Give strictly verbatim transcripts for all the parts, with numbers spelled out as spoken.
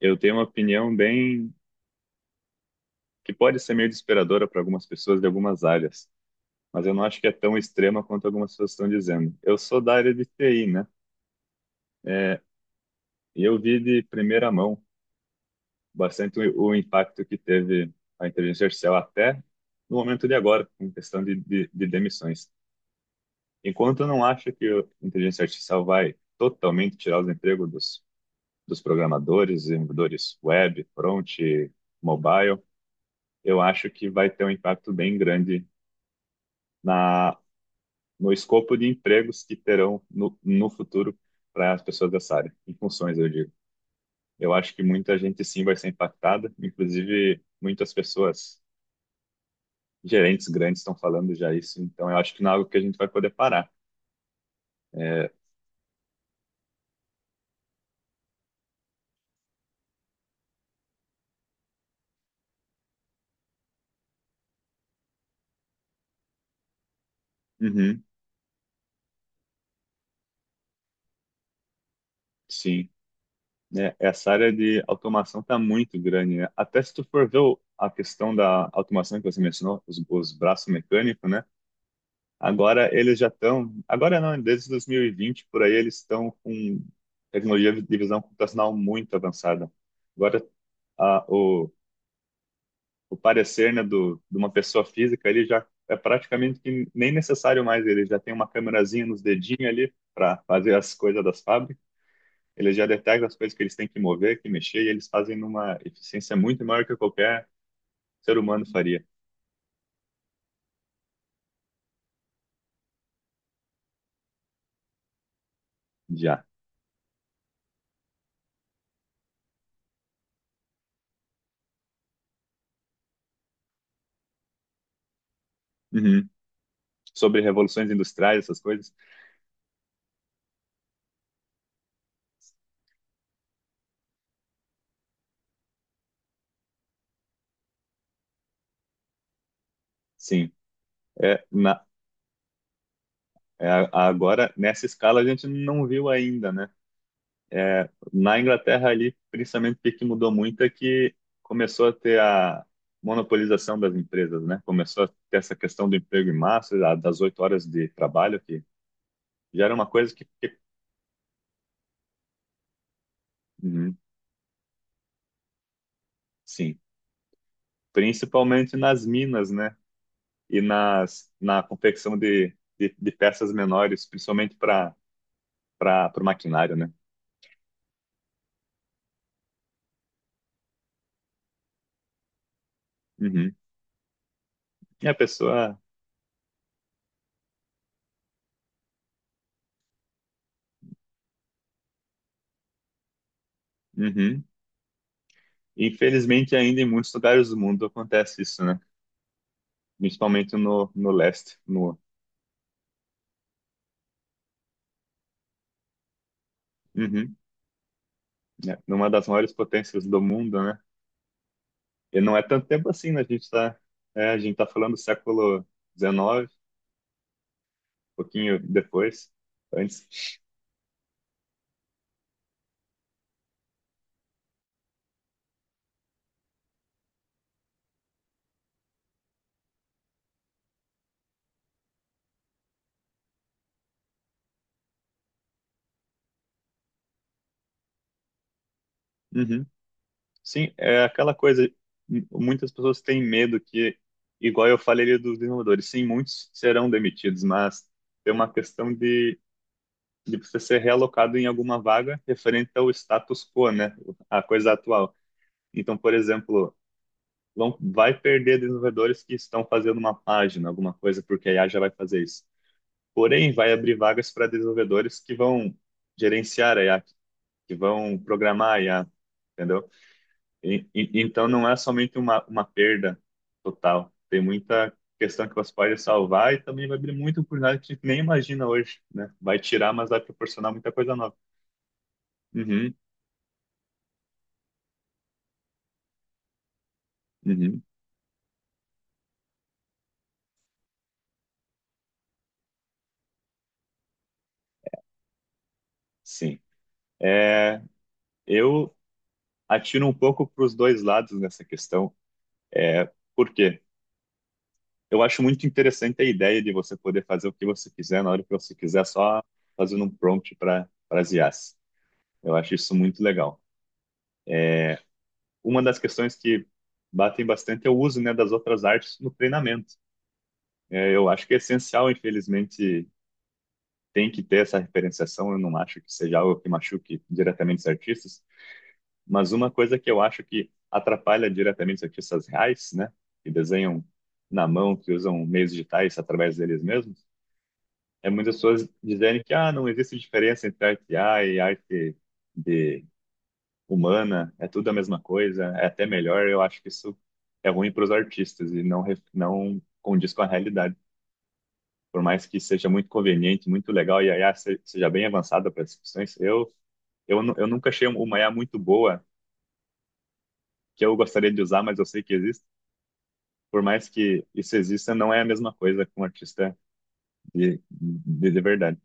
Eu tenho uma opinião bem que pode ser meio desesperadora para algumas pessoas de algumas áreas, mas eu não acho que é tão extrema quanto algumas pessoas estão dizendo. Eu sou da área de T I, né? É, e eu vi de primeira mão bastante o, o impacto que teve a inteligência artificial até no momento de agora, em questão de, de, de demissões. Enquanto eu não acho que a inteligência artificial vai totalmente tirar os empregos dos, dos programadores, desenvolvedores web, front, mobile, eu acho que vai ter um impacto bem grande na, no escopo de empregos que terão no, no futuro para as pessoas dessa área, em funções, eu digo. Eu acho que muita gente sim vai ser impactada, inclusive muitas pessoas, gerentes grandes, estão falando já isso, então eu acho que não é algo que a gente vai poder parar. É, uhum, sim. Né? Essa área de automação está muito grande, né? Até se tu for ver o- a questão da automação que você mencionou, os, os braços mecânicos, né? Agora eles já estão, agora não, desde dois mil e vinte por aí eles estão com tecnologia de visão computacional muito avançada. Agora a- o, o parecer, né, do, de uma pessoa física, ele já é praticamente que nem necessário mais, ele já tem uma câmerazinha nos dedinhos ali para fazer as coisas das fábricas, ele já detecta as coisas que eles têm que mover, que mexer, e eles fazem numa eficiência muito maior que qualquer ser humano faria já. Uhum. Sobre revoluções industriais, essas coisas, sim. É, na, É, a- agora, nessa escala, a gente não viu ainda, né? É, na Inglaterra ali, principalmente o que mudou muito é que começou a ter a monopolização das empresas, né? Começou a ter essa questão do emprego em massa, da- das oito horas de trabalho, que já era uma coisa que, que- Uhum. Sim, principalmente nas minas, né? E nas, na confecção de, de, de peças menores, principalmente para para o maquinário, né? Uhum. E a pessoa. Uhum. Infelizmente, ainda em muitos lugares do mundo acontece isso, né? Principalmente no, no leste, no, Uhum, né? Numa das maiores potências do mundo, né? E não é tanto tempo assim, né? A gente tá, é, a gente tá falando do século dezenove, pouquinho depois, antes. Uhum. Sim, é aquela coisa, m- muitas pessoas têm medo que, igual eu falei ali dos desenvolvedores, sim, muitos serão demitidos, mas tem uma questão de de você ser realocado em alguma vaga referente ao status quo, né? A coisa atual. Então, por exemplo, não vai perder desenvolvedores que estão fazendo uma página, alguma coisa, porque a I A já vai fazer isso. Porém, vai abrir vagas para desenvolvedores que vão gerenciar a I A, que vão programar a I A, entendeu? E- e- então, não é somente uma, uma perda total. Tem muita questão que você pode salvar e também vai abrir muita oportunidade que a gente nem imagina hoje, né? Vai tirar, mas vai proporcionar muita coisa nova. Uhum. Uhum, sim. É, eu atiro um pouco para os dois lados nessa questão. Por quê? Eu acho muito interessante a ideia de você poder fazer o que você quiser na hora que você quiser, só fazendo um prompt para para as I As. Eu acho isso muito legal. Uma das questões que batem bastante é o uso, né, das outras artes no treinamento. É, eu acho que é essencial, infelizmente, tem que ter essa referenciação. Eu não acho que seja algo que machuque diretamente os artistas. Mas uma coisa que eu acho que atrapalha diretamente os artistas reais, né, que desenham na mão, que usam meios digitais através deles mesmos, é muitas pessoas dizerem que ah, não existe diferença entre arte A e arte de humana, é tudo a mesma coisa, é até melhor. Eu acho que isso é ruim para os artistas e não ref- não condiz com a realidade. Por mais que seja muito conveniente, muito legal e a I A se- seja bem avançada para as discussões, eu eu, nu- eu nunca achei uma I A muito boa que eu gostaria de usar, mas eu sei que existe. Por mais que isso exista, não é a mesma coisa com um artista de, de, de verdade.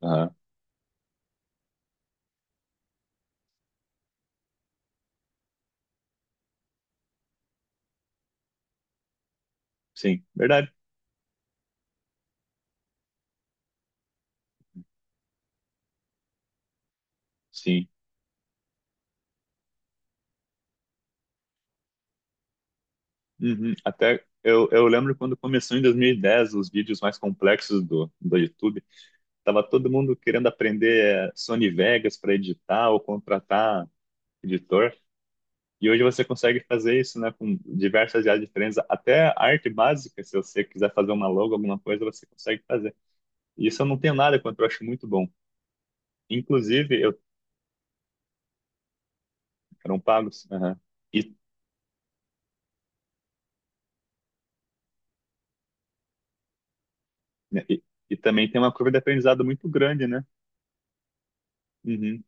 Aham. Sim, verdade. Sim. Uhum. Até eu, eu lembro quando começou em dois mil e dez os vídeos mais complexos do, do YouTube, tava todo mundo querendo aprender eh, Sony Vegas para editar ou contratar editor. E hoje você consegue fazer isso, né, com diversas áreas diferentes, até arte básica, se você quiser fazer uma logo, alguma coisa, você consegue fazer. E isso eu não tenho nada contra, eu acho muito bom. Inclusive, eu. Eram pagos. Aham. E, né, e, e também tem uma curva de aprendizado muito grande, né? Uhum.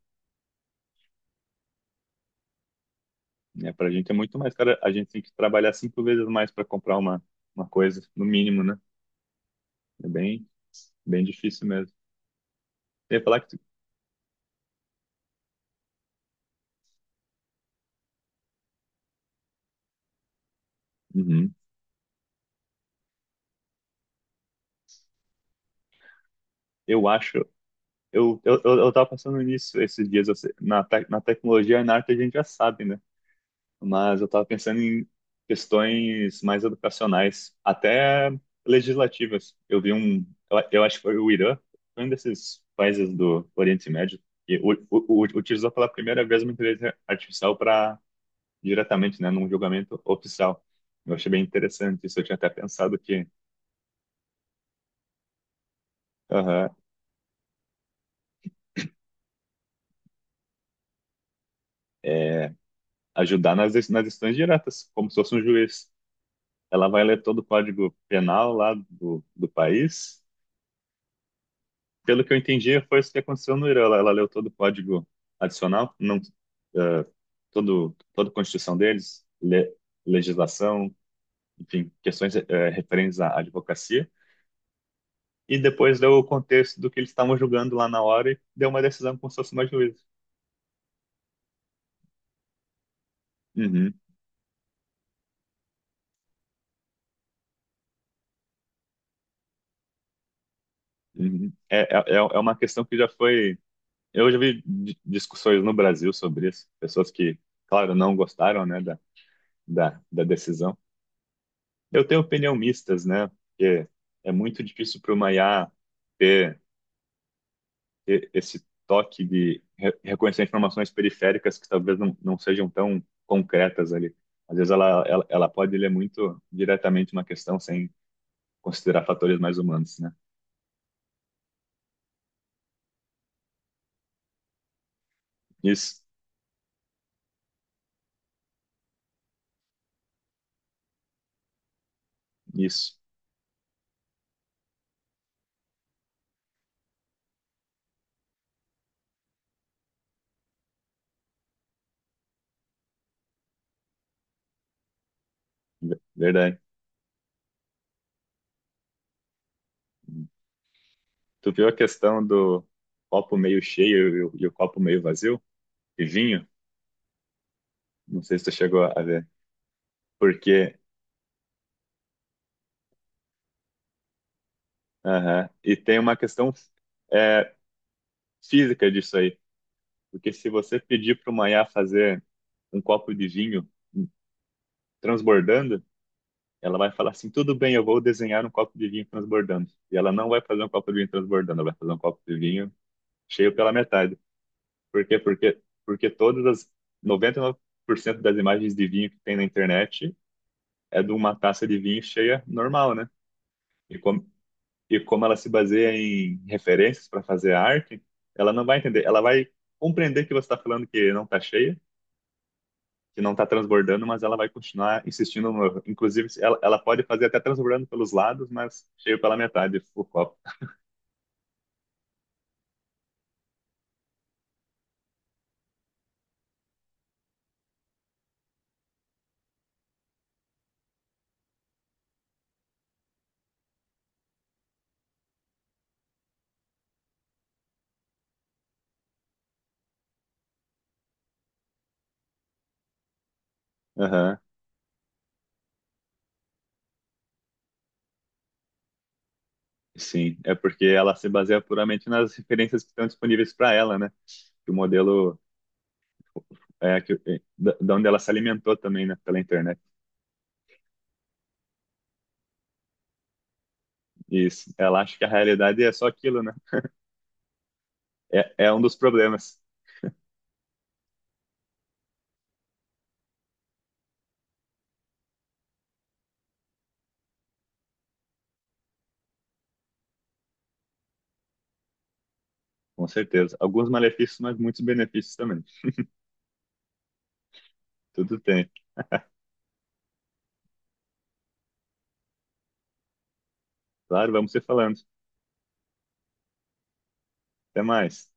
É, para a gente é muito mais cara. A gente tem que trabalhar cinco vezes mais para comprar uma, uma coisa, no mínimo, né? É bem, bem difícil mesmo. Eu ia falar que. Uhum. Eu acho. Eu, eu, eu, eu tava pensando nisso esses dias. Eu sei- Na, te- Na tecnologia e na arte a gente já sabe, né? Mas eu estava pensando em questões mais educacionais, até legislativas. Eu vi um, eu, eu acho que foi o Irã, foi um desses países do Oriente Médio, que u- u- u- utilizou pela primeira vez uma inteligência artificial para diretamente, né, num julgamento oficial. Eu achei bem interessante isso. Eu tinha até pensado que. Aham. Ajudar nas, nas decisões diretas, como se fosse um juiz. Ela vai ler todo o código penal lá do, do país pelo que eu entendi, foi isso que aconteceu no Irã. Ela, ela leu todo o código adicional, não, eh, todo, toda a Constituição deles, le- legislação, enfim, questões eh, referentes à advocacia, e depois deu o contexto do que eles estavam julgando lá na hora e deu uma decisão como se fosse uma juíza. Uhum, uhum. É, é, é é uma questão que já foi. Eu já vi di- discussões no Brasil sobre isso, pessoas que, claro, não gostaram, né, da, da, da decisão. Eu tenho opinião mistas, né? Porque é muito difícil para o I A ter, ter esse toque de re- reconhecer informações periféricas que talvez não, não sejam tão concretas ali. Às vezes ela, ela, ela pode ler muito diretamente uma questão sem considerar fatores mais humanos, né? Isso, isso, ver- verdade. Tu viu a questão do copo meio cheio e o, e o copo meio vazio? E vinho? Não sei se tu chegou a ver. Porque, aham. E tem uma questão é, física disso aí. Porque se você pedir para uma Iá fazer um copo de vinho transbordando, ela vai falar assim: tudo bem, eu vou desenhar um copo de vinho transbordando. E ela não vai fazer um copo de vinho transbordando, ela vai fazer um copo de vinho cheio pela metade. Por quê? Porque, porque todas as noventa e nove por cento das imagens de vinho que tem na internet é de uma taça de vinho cheia normal, né? E como, e como ela se baseia em referências para fazer a arte, ela não vai entender, ela vai compreender que você está falando que não está cheia que não está transbordando, mas ela vai continuar insistindo. No. Inclusive, ela, ela pode fazer até transbordando pelos lados, mas cheio pela metade o copo. Aham. Sim, é porque ela se baseia puramente nas referências que estão disponíveis para ela, né? Que o modelo é que, é, da da onde ela se alimentou também, né? Pela internet. E ela acha que a realidade é só aquilo, né? É, é um dos problemas, com certeza. Alguns malefícios, mas muitos benefícios também. Tudo tem. Claro, vamos se falando. Até mais.